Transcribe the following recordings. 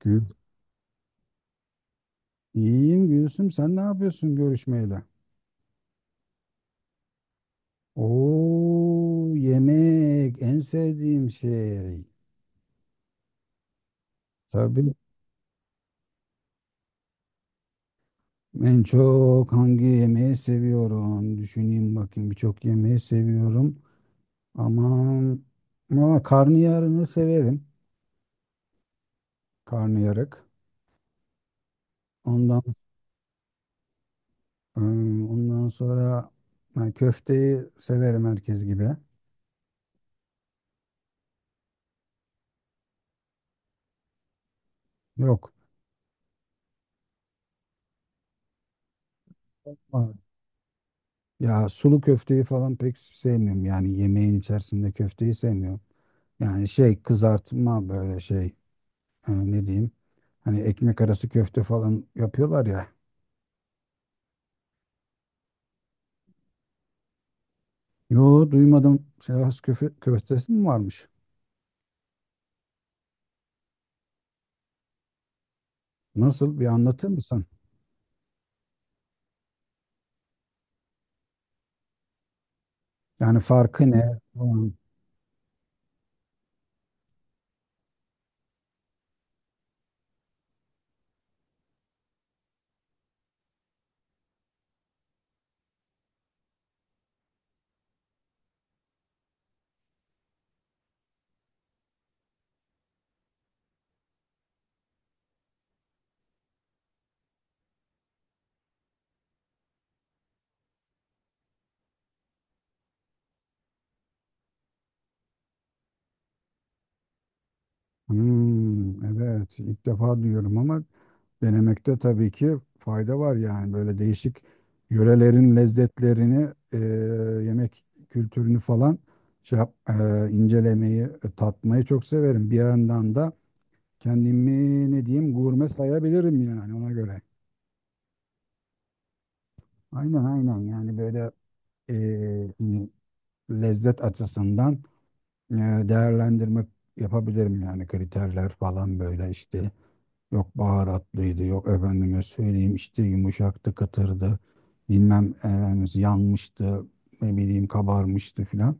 Gül. İyiyim Gülsüm. Sen ne yapıyorsun görüşmeyle? Oo, yemek en sevdiğim şey. Tabii en çok hangi yemeği seviyorum? Düşüneyim bakayım, birçok yemeği seviyorum. Aman, ama karnıyarını severim. Karnıyarık. Ondan ondan sonra, ha, köfteyi severim herkes gibi. Yok. Aa, ya sulu köfteyi falan pek sevmiyorum. Yani yemeğin içerisinde köfteyi sevmiyorum. Yani şey, kızartma, böyle şey, ne diyeyim, hani ekmek arası köfte falan yapıyorlar ya. Yo, duymadım. Sivas köftesi mi varmış? Nasıl, bir anlatır mısın? Yani farkı ne? Falan. Hmm, evet, ilk defa duyuyorum ama denemekte tabii ki fayda var. Yani böyle değişik yörelerin lezzetlerini, yemek kültürünü falan, şey incelemeyi, tatmayı çok severim. Bir yandan da kendimi, ne diyeyim, gurme sayabilirim yani, ona göre. Aynen, aynen. Yani böyle hani lezzet açısından, değerlendirme yapabilirim yani. Kriterler falan böyle işte, yok baharatlıydı, yok efendime söyleyeyim işte yumuşaktı, kıtırdı, bilmem efendim yanmıştı, ne bileyim kabarmıştı filan.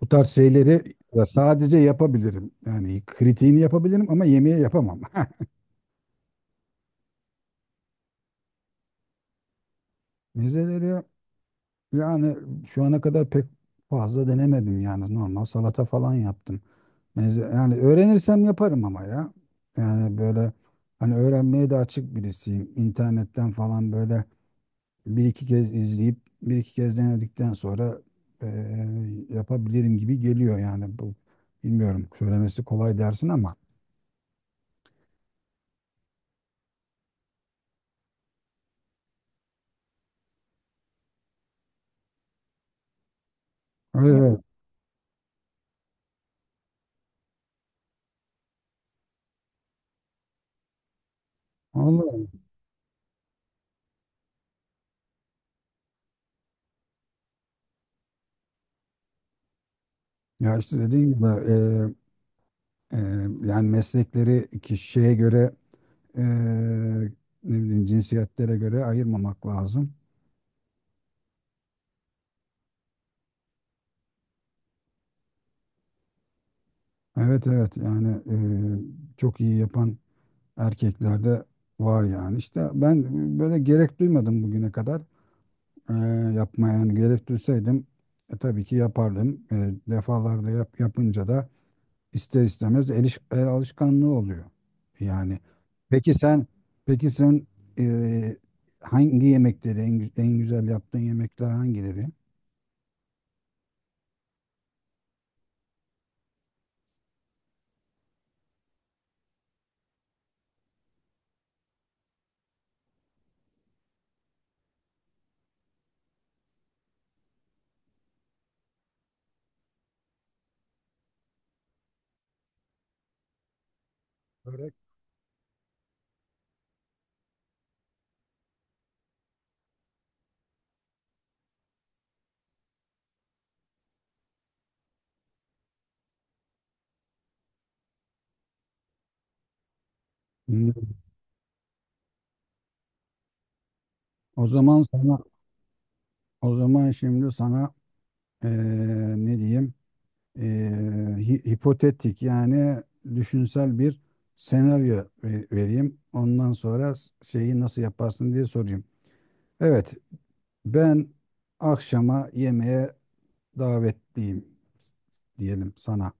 Bu tarz şeyleri ya sadece yapabilirim yani, kritiğini yapabilirim ama yemeği yapamam. Mezeleri. Yani şu ana kadar pek fazla denemedim, yani normal salata falan yaptım. Yani öğrenirsem yaparım ama ya. Yani böyle, hani öğrenmeye de açık birisiyim. İnternetten falan böyle bir iki kez izleyip bir iki kez denedikten sonra, yapabilirim gibi geliyor yani. Bu, bilmiyorum, söylemesi kolay dersin ama. Evet. Vallahi. Ya işte dediğim gibi, Ee, yani meslekleri kişiye göre, eee, ne bileyim, cinsiyetlere göre ayırmamak lazım. Evet, evet. Yani çok iyi yapan erkeklerde var yani. İşte ben böyle gerek duymadım bugüne kadar eee yapmaya. Yani gerek duysaydım, tabii ki yapardım. Defalarda yapınca da ister istemez el alışkanlığı oluyor. Yani peki sen peki sen, e, hangi yemekleri en güzel yaptığın yemekler hangileri? Börek. Hmm. O zaman sana o zaman şimdi sana, e, ne diyeyim, E, hipotetik yani düşünsel bir senaryo vereyim. Ondan sonra şeyi nasıl yaparsın diye sorayım. Evet, ben akşama yemeğe davetliyim diyelim sana.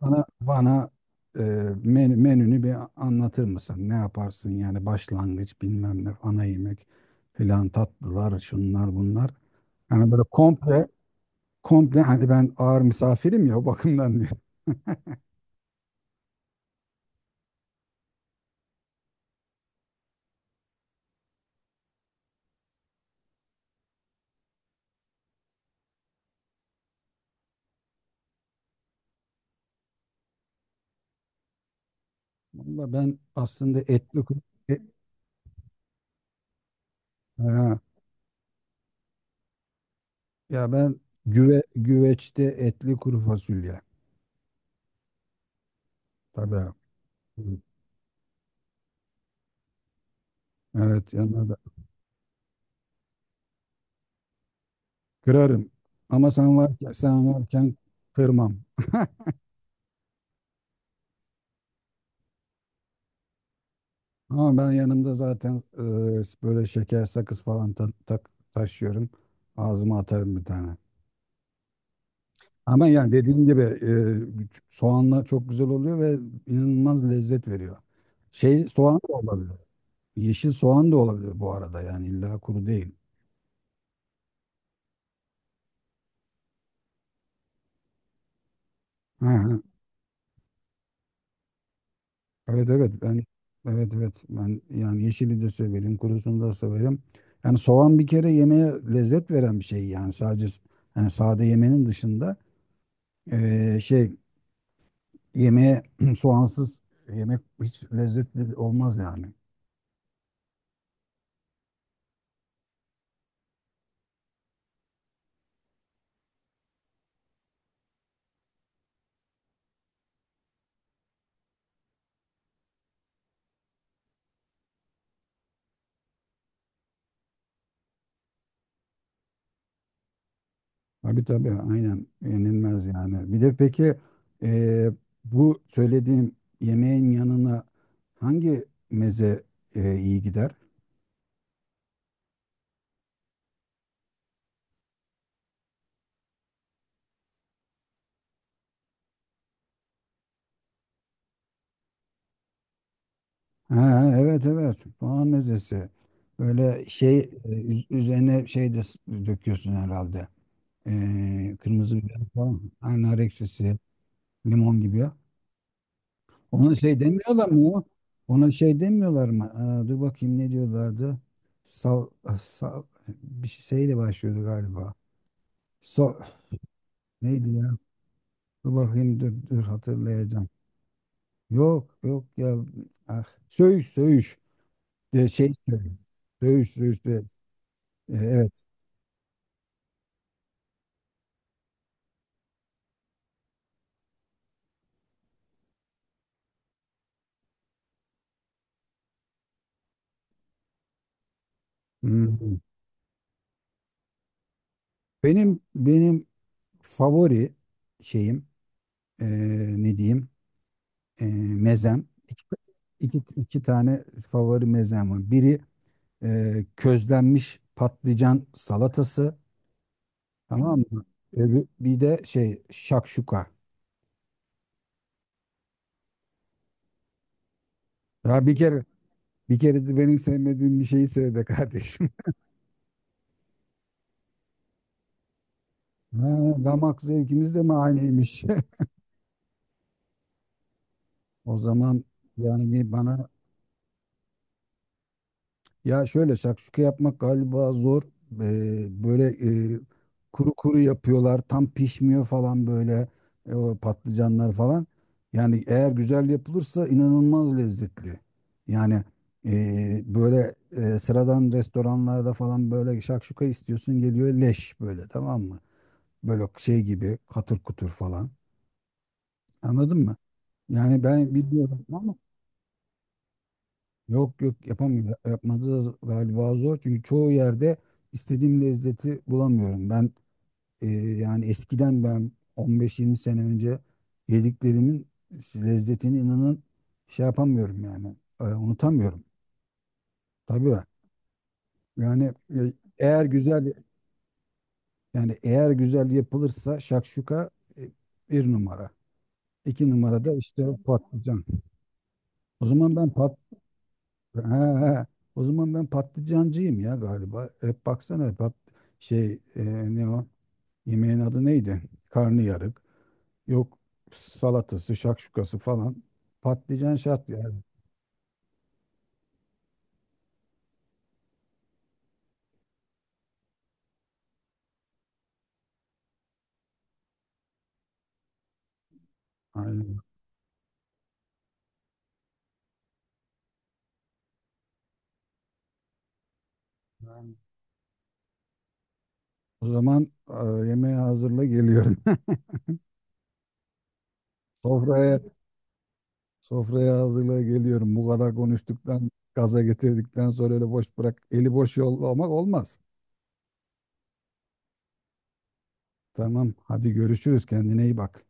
Bana, e, menünü bir anlatır mısın? Ne yaparsın yani, başlangıç, bilmem ne, ana yemek filan, tatlılar, şunlar bunlar. Yani böyle komple komple, hani ben ağır misafirim ya, o bakımdan diyor. Valla, ben aslında etli kuru e- ha, ya ben güveçte etli kuru fasulye. Tabii. Evet, yanına da kırarım. Ama sen varken kırmam. Ama ben yanımda zaten, böyle şeker, sakız falan taşıyorum. Ağzıma atarım bir tane. Ama yani dediğin gibi, soğanla çok güzel oluyor ve inanılmaz lezzet veriyor. Şey, soğan da olabilir. Yeşil soğan da olabilir bu arada, yani illa kuru değil. Hı hı. Evet, evet ben yani yeşili de severim, kurusunu da severim. Yani soğan bir kere yemeğe lezzet veren bir şey yani, sadece yani sade yemenin dışında, e, şey yemeğe soğansız yemek hiç lezzetli olmaz yani. Tabii, tabii, aynen, yenilmez yani. Bir de peki, e, bu söylediğim yemeğin yanına hangi meze, iyi gider? Ha, evet, evet, soğan mezesi. Böyle şey, üzerine şey de döküyorsun herhalde. Kırmızı biber falan. Ha, nar ekşisi, limon gibi. Ona şey demiyorlar mı ya? Ona şey demiyorlar mı? Aa, dur bakayım, ne diyorlardı? Sal, sal bir şeyle başlıyordu galiba. So, neydi ya? Dur bakayım, dur dur, hatırlayacağım. Yok, yok ya. Ah, söğüş, söğüş. De, şey söğüş. Söğüş, söğüş. Evet. Hmm. Benim favori şeyim, e, ne diyeyim, E, mezem. İki tane favori mezem var. Biri, közlenmiş patlıcan salatası, tamam mı? Bir de şey, şakşuka. Ya bir kere, bir kere de benim sevmediğim bir şeyi sev be kardeşim. Ha, damak zevkimiz de mi aynıymış? O zaman yani bana, ya şöyle, şakşuka yapmak galiba zor. Böyle, e, kuru kuru yapıyorlar, tam pişmiyor falan, böyle, o patlıcanlar falan. Yani eğer güzel yapılırsa inanılmaz lezzetli. Yani, böyle, sıradan restoranlarda falan, böyle şakşuka istiyorsun, geliyor leş, böyle, tamam mı? Böyle şey gibi, katır kutur falan. Anladın mı? Yani ben bilmiyorum ama, yok, yok, yapamıyor. Yapmadı da galiba zor. Çünkü çoğu yerde istediğim lezzeti bulamıyorum. Ben, yani eskiden 15-20 sene önce yediklerimin lezzetini, inanın, şey yapamıyorum yani. Unutamıyorum. Tabii. Yani e, eğer güzel yani eğer güzel yapılırsa şakşuka, e, bir numara. İki numarada işte patlıcan. O zaman ben ha, he. O zaman ben patlıcancıyım ya galiba. Hep baksana, şey, ne o? Yemeğin adı neydi? Karnıyarık. Yok, salatası, şakşukası falan. Patlıcan şart yani. Aynen. O zaman, yemeği hazırla, geliyorum. Sofraya sofraya hazırla, geliyorum. Bu kadar konuştuktan, gaza getirdikten sonra öyle boş bırak, eli boş yollamak olmaz. Tamam, hadi görüşürüz. Kendine iyi bak.